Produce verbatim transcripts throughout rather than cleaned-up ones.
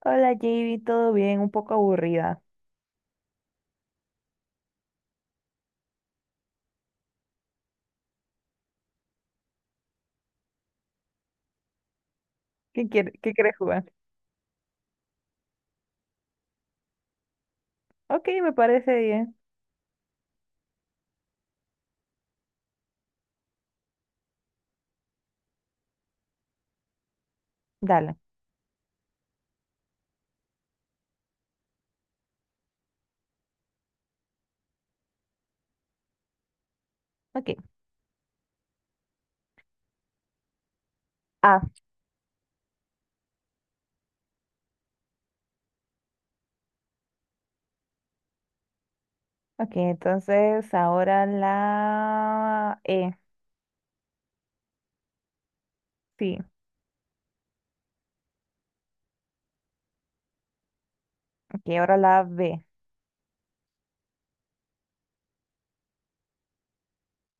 Hola, Javi, ¿todo bien? Un poco aburrida. ¿Qué quiere, qué quieres jugar? Ok, me parece bien. Dale. Ok. Ah, ok, entonces ahora la E. Sí, ok, ahora la B.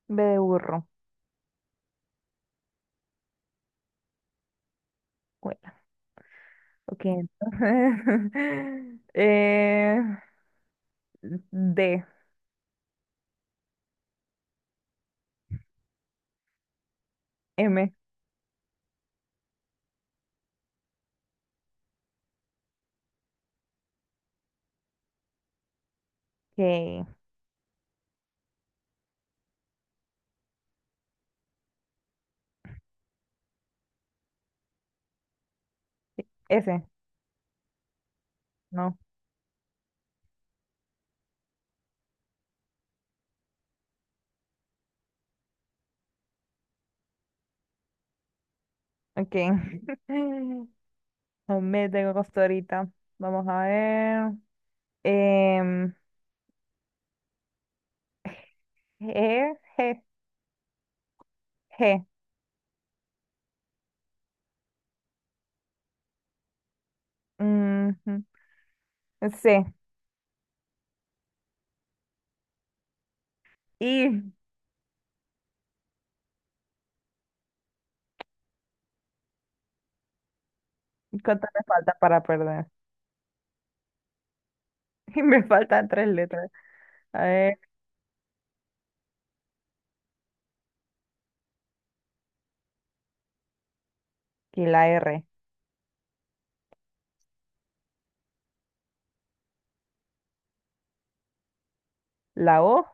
B de burro. Bueno, ok, entonces. eh, D. M. Ok. S. No. Ok. No me tengo costo ahorita. Vamos a ver. Em, G. G. G. Ujú, sí. ¿Y cuánto me falta para perder? Y me faltan tres letras. A ver, aquí la R, la O,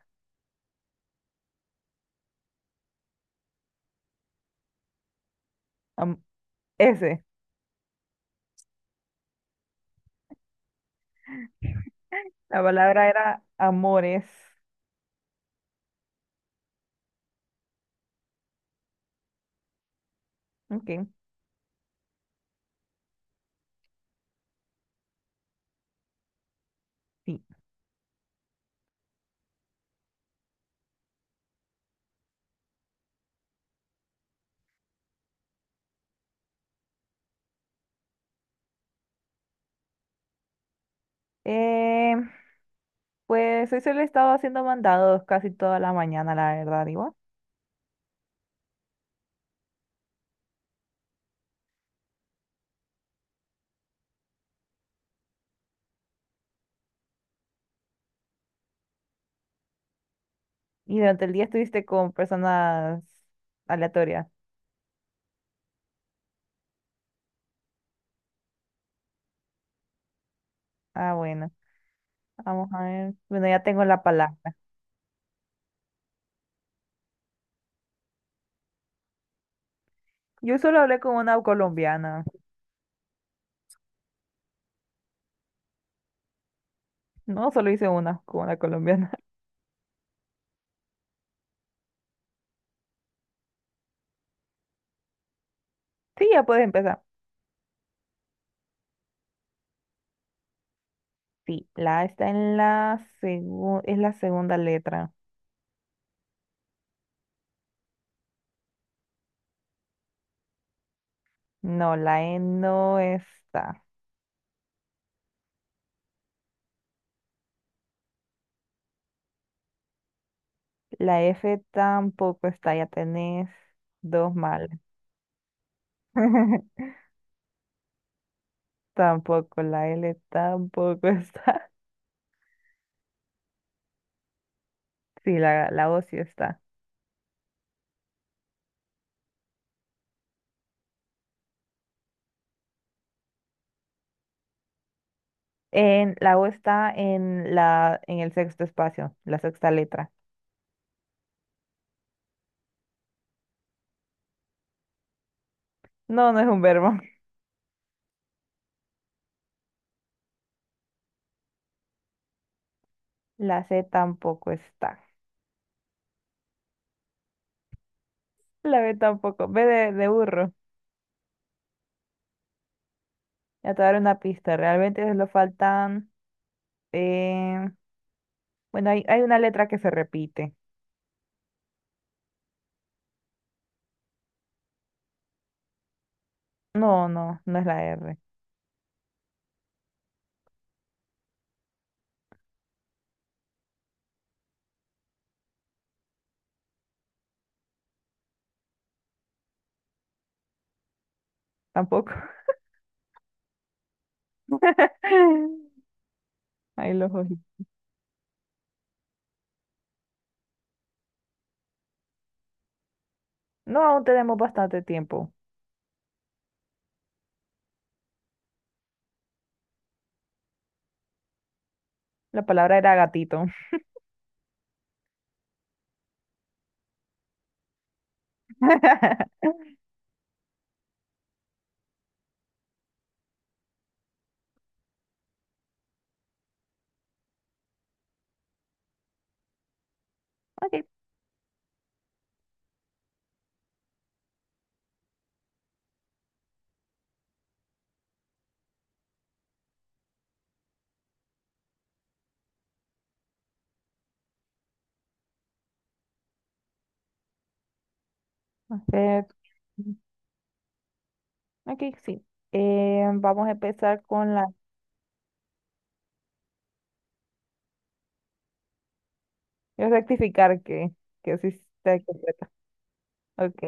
am- S. La palabra era amores. Ok, sí. Eh, pues hoy solo he estado haciendo mandados casi toda la mañana, la verdad, digo. Y durante el día estuviste con personas aleatorias. Ah, bueno. Vamos a ver. Bueno, ya tengo la palabra. Yo solo hablé con una colombiana. No, solo hice una con una colombiana. Sí, ya puedes empezar. Sí, la A está en la segunda, es la segunda letra. No, la E no está. La F tampoco está, ya tenés dos mal. Tampoco, la L tampoco está. Sí, la, la O sí está. En, la O está en la, en el sexto espacio, la sexta letra. No, no es un verbo. La C tampoco está. La B tampoco. B de, de burro. Ya te voy a dar una pista. Realmente solo faltan. Eh, bueno, hay, hay una letra que se repite. No, no, no es la R. Tampoco. Ahí los ojitos. No, aún tenemos bastante tiempo. La palabra era gatito. Ok. A ver, ok, sí. Eh, vamos a empezar con la... Voy a rectificar que, que sí está completa. Ok.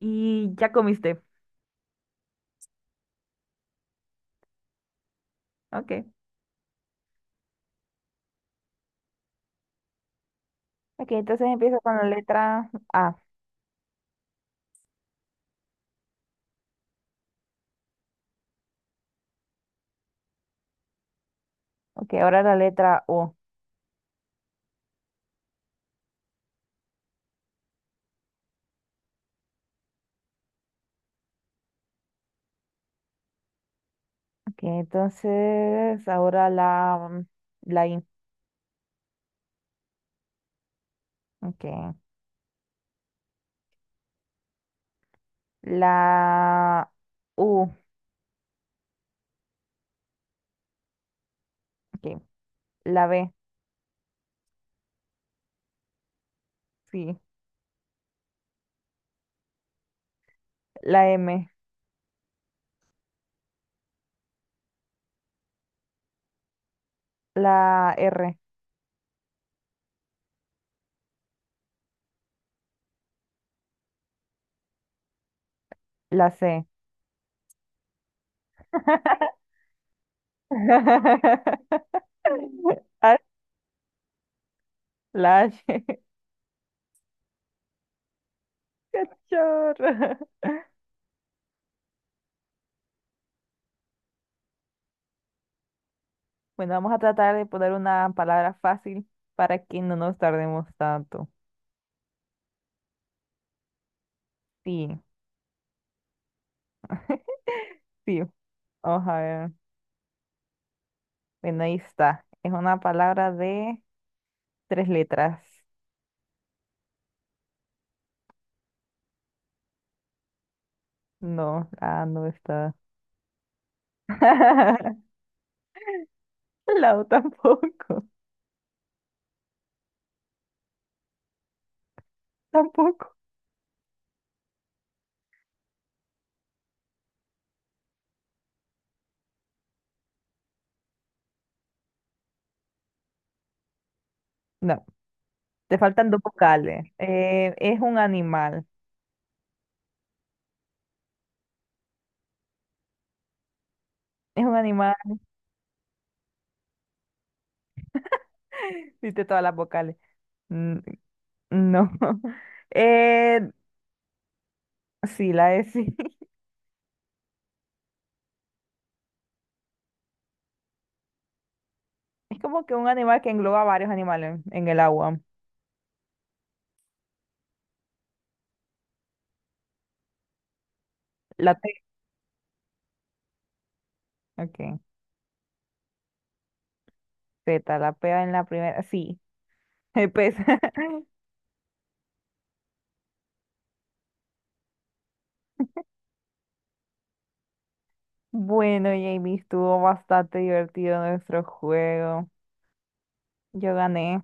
Y ya comiste. Ok. Ok, entonces empiezo con la letra A. Ok, ahora la letra O. Que entonces ahora la, mm, la I. Okay. La U. Ok, la B. Sí. La M. La R. La C. Ah, la H. Chorro. Bueno, vamos a tratar de poner una palabra fácil para que no nos tardemos tanto. Sí, sí. Vamos a ver. Bueno, ahí está. Es una palabra de tres letras. No, ah, no está. Lau tampoco, tampoco. No, te faltan dos vocales. Eh, es un animal, es un animal. Diste todas las vocales. N- No. Eh, sí, la es. Sí. Es como que un animal que engloba varios animales en el agua. La T. Ok. Z, la P en la primera. Sí, el pez. Bueno, Jamie, estuvo bastante divertido nuestro juego. Yo gané.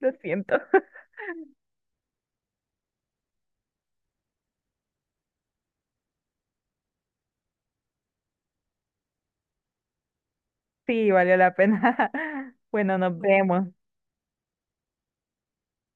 Lo siento. Sí, valió la pena. Bueno, nos vemos.